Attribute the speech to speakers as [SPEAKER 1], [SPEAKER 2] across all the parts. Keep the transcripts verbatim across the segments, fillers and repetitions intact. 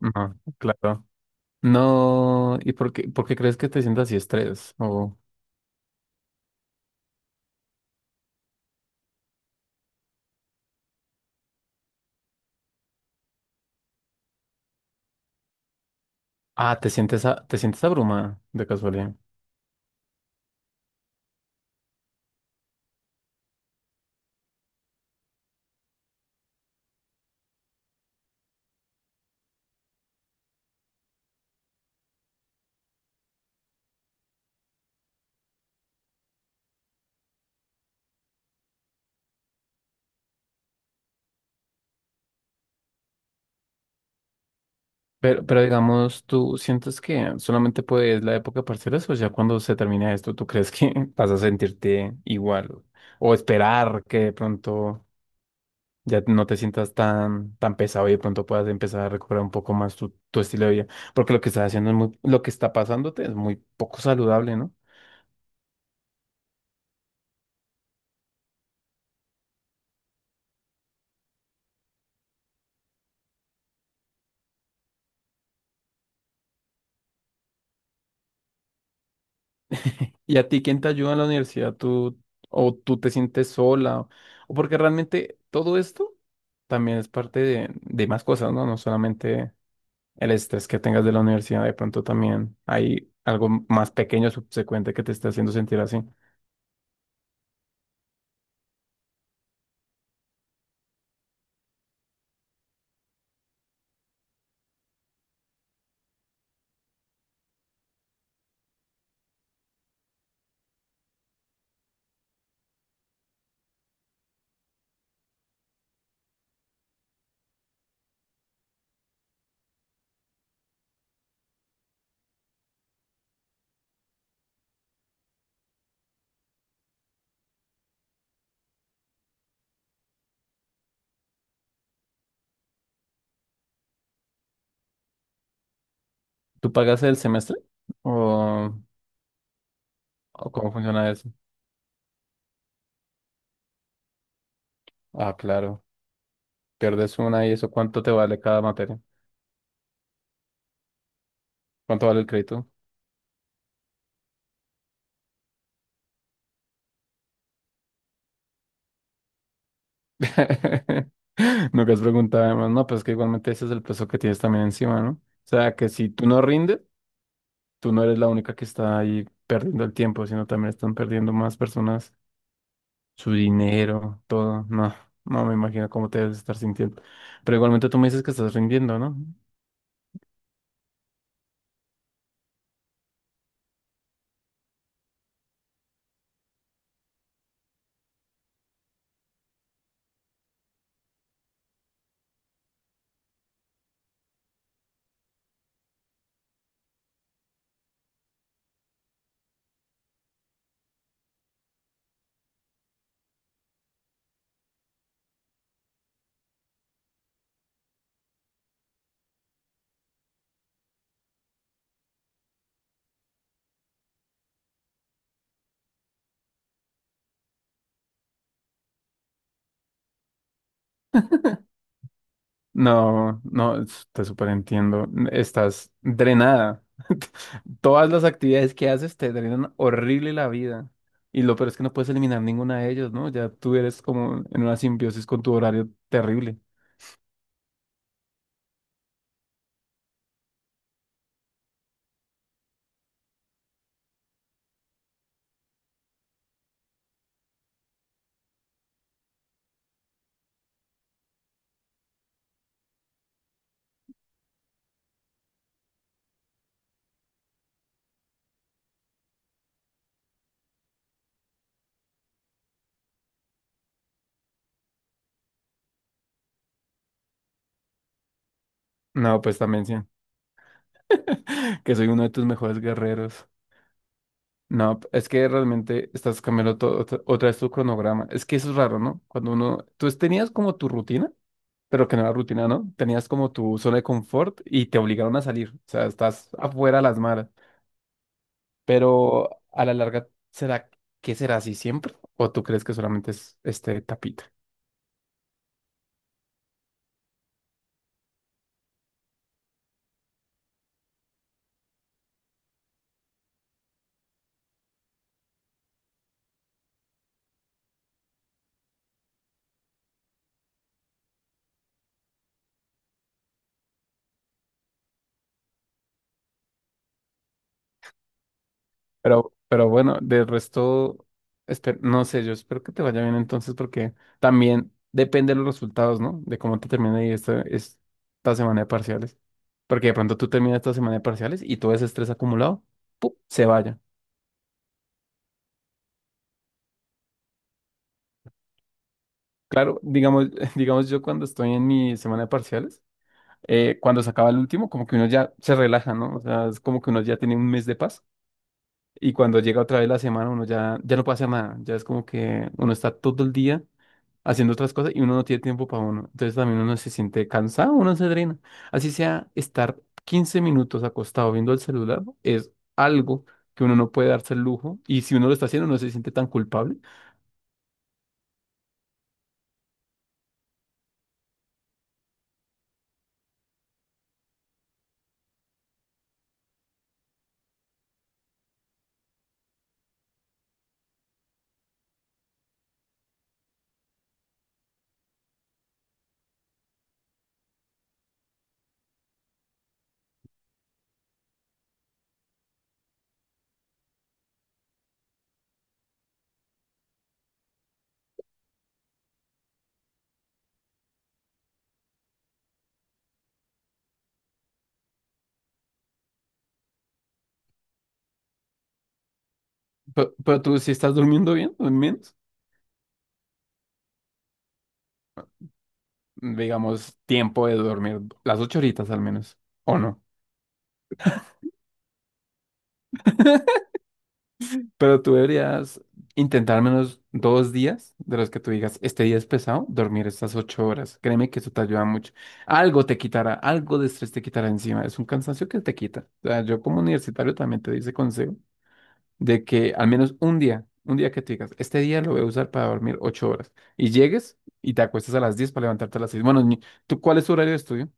[SPEAKER 1] Ajá, claro. No, ¿y por qué, por qué crees que te sientas así estrés? O, ah, te sientes, a- te sientes abrumada de casualidad. Pero, pero digamos, ¿tú sientes que solamente puedes la época de parciales o ya cuando se termine esto, tú crees que vas a sentirte igual? O esperar que de pronto ya no te sientas tan, tan pesado y de pronto puedas empezar a recuperar un poco más tu, tu estilo de vida. Porque lo que estás haciendo es muy, lo que está pasándote es muy poco saludable, ¿no? ¿Y a ti quién te ayuda en la universidad? ¿Tú o tú te sientes sola? O porque realmente todo esto también es parte de, de más cosas, ¿no? No solamente el estrés que tengas de la universidad, de pronto también hay algo más pequeño subsecuente que te está haciendo sentir así. ¿Tú pagas el semestre? ¿O, o cómo funciona eso? Ah, claro. Pierdes una y eso, ¿cuánto te vale cada materia? ¿Cuánto vale el crédito? Nunca has preguntado además, no, pues que igualmente ese es el peso que tienes también encima, ¿no? O sea, que si tú no rindes, tú no eres la única que está ahí perdiendo el tiempo, sino también están perdiendo más personas su dinero, todo. No, no me imagino cómo te debes estar sintiendo. Pero igualmente tú me dices que estás rindiendo, ¿no? No, no, s- te superentiendo. Estás drenada. Todas las actividades que haces te drenan horrible la vida. Y lo peor es que no puedes eliminar ninguna de ellas, ¿no? Ya tú eres como en una simbiosis con tu horario terrible. No, pues también sí, que soy uno de tus mejores guerreros. No, es que realmente estás cambiando todo, otra otra vez tu cronograma. Es que eso es raro, ¿no? Cuando uno, tú tenías como tu rutina, pero que no era rutina, ¿no? Tenías como tu zona de confort y te obligaron a salir. O sea, estás afuera a las malas. Pero a la larga, ¿será que será así siempre? ¿O tú crees que solamente es este tapita? Pero, pero bueno, de resto, espe- no sé, yo espero que te vaya bien entonces, porque también depende de los resultados, ¿no? De cómo te termine ahí esta, esta semana de parciales. Porque de pronto tú terminas esta semana de parciales y todo ese estrés acumulado, ¡pum! Se vaya. Claro, digamos, digamos yo cuando estoy en mi semana de parciales, eh, cuando se acaba el último, como que uno ya se relaja, ¿no? O sea, es como que uno ya tiene un mes de paz. Y cuando llega otra vez la semana, uno ya, ya no puede hacer nada. Ya es como que uno está todo el día haciendo otras cosas y uno no tiene tiempo para uno. Entonces también uno se siente cansado, uno se drena. Así sea, estar quince minutos acostado viendo el celular es algo que uno no puede darse el lujo. Y si uno lo está haciendo, no se siente tan culpable. Pero, pero tú, si estás durmiendo bien, al menos, digamos, tiempo de dormir las ocho horitas al menos, ¿o no? Pero tú deberías intentar al menos dos días de los que tú digas, este día es pesado, dormir estas ocho horas. Créeme que eso te ayuda mucho. Algo te quitará, algo de estrés te quitará encima. Es un cansancio que te quita. O sea, yo como universitario también te dice consejo de que al menos un día, un día que te digas, este día lo voy a usar para dormir ocho horas. Y llegues y te acuestas a las diez para levantarte a las seis. Bueno, ni- ¿tú cuál es tu horario de estudio?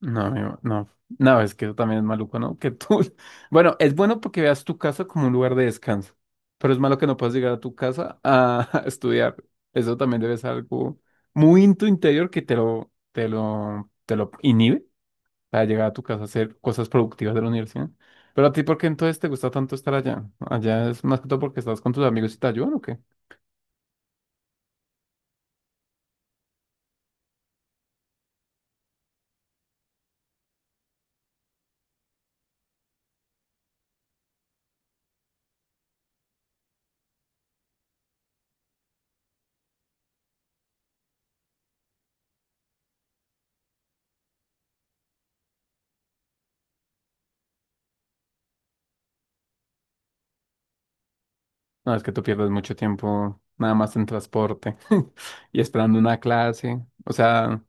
[SPEAKER 1] No, amigo, no. No, es que eso también es maluco, ¿no? Que tú. Bueno, es bueno porque veas tu casa como un lugar de descanso, pero es malo que no puedas llegar a tu casa a estudiar. Eso también debe ser algo muy en tu interior que te lo, te lo, te lo inhibe para llegar a tu casa a hacer cosas productivas de la universidad. Pero a ti, ¿por qué entonces te gusta tanto estar allá? ¿Allá es más que todo porque estás con tus amigos y te ayudan o qué? No, es que tú pierdes mucho tiempo nada más en transporte y esperando una clase. O sea,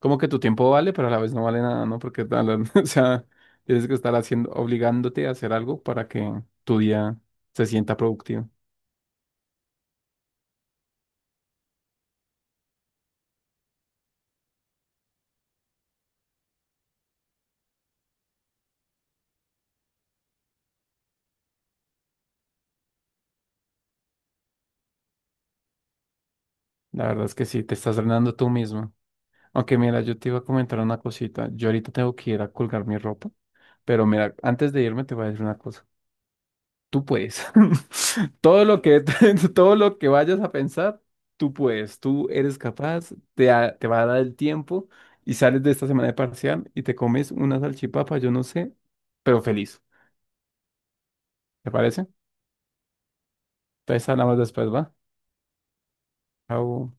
[SPEAKER 1] como que tu tiempo vale, pero a la vez no vale nada, ¿no? Porque, a la- o sea, tienes que estar haciendo, obligándote a hacer algo para que tu día se sienta productivo. La verdad es que sí, te estás drenando tú mismo. Aunque mira, yo te iba a comentar una cosita. Yo ahorita tengo que ir a colgar mi ropa, pero mira, antes de irme te voy a decir una cosa. Tú puedes. Todo lo que, todo lo que vayas a pensar, tú puedes, tú eres capaz, te, ha- te va a dar el tiempo y sales de esta semana de parcial y te comes una salchipapa, yo no sé, pero feliz. ¿Te parece? Entonces hablamos después, ¿va? Chao.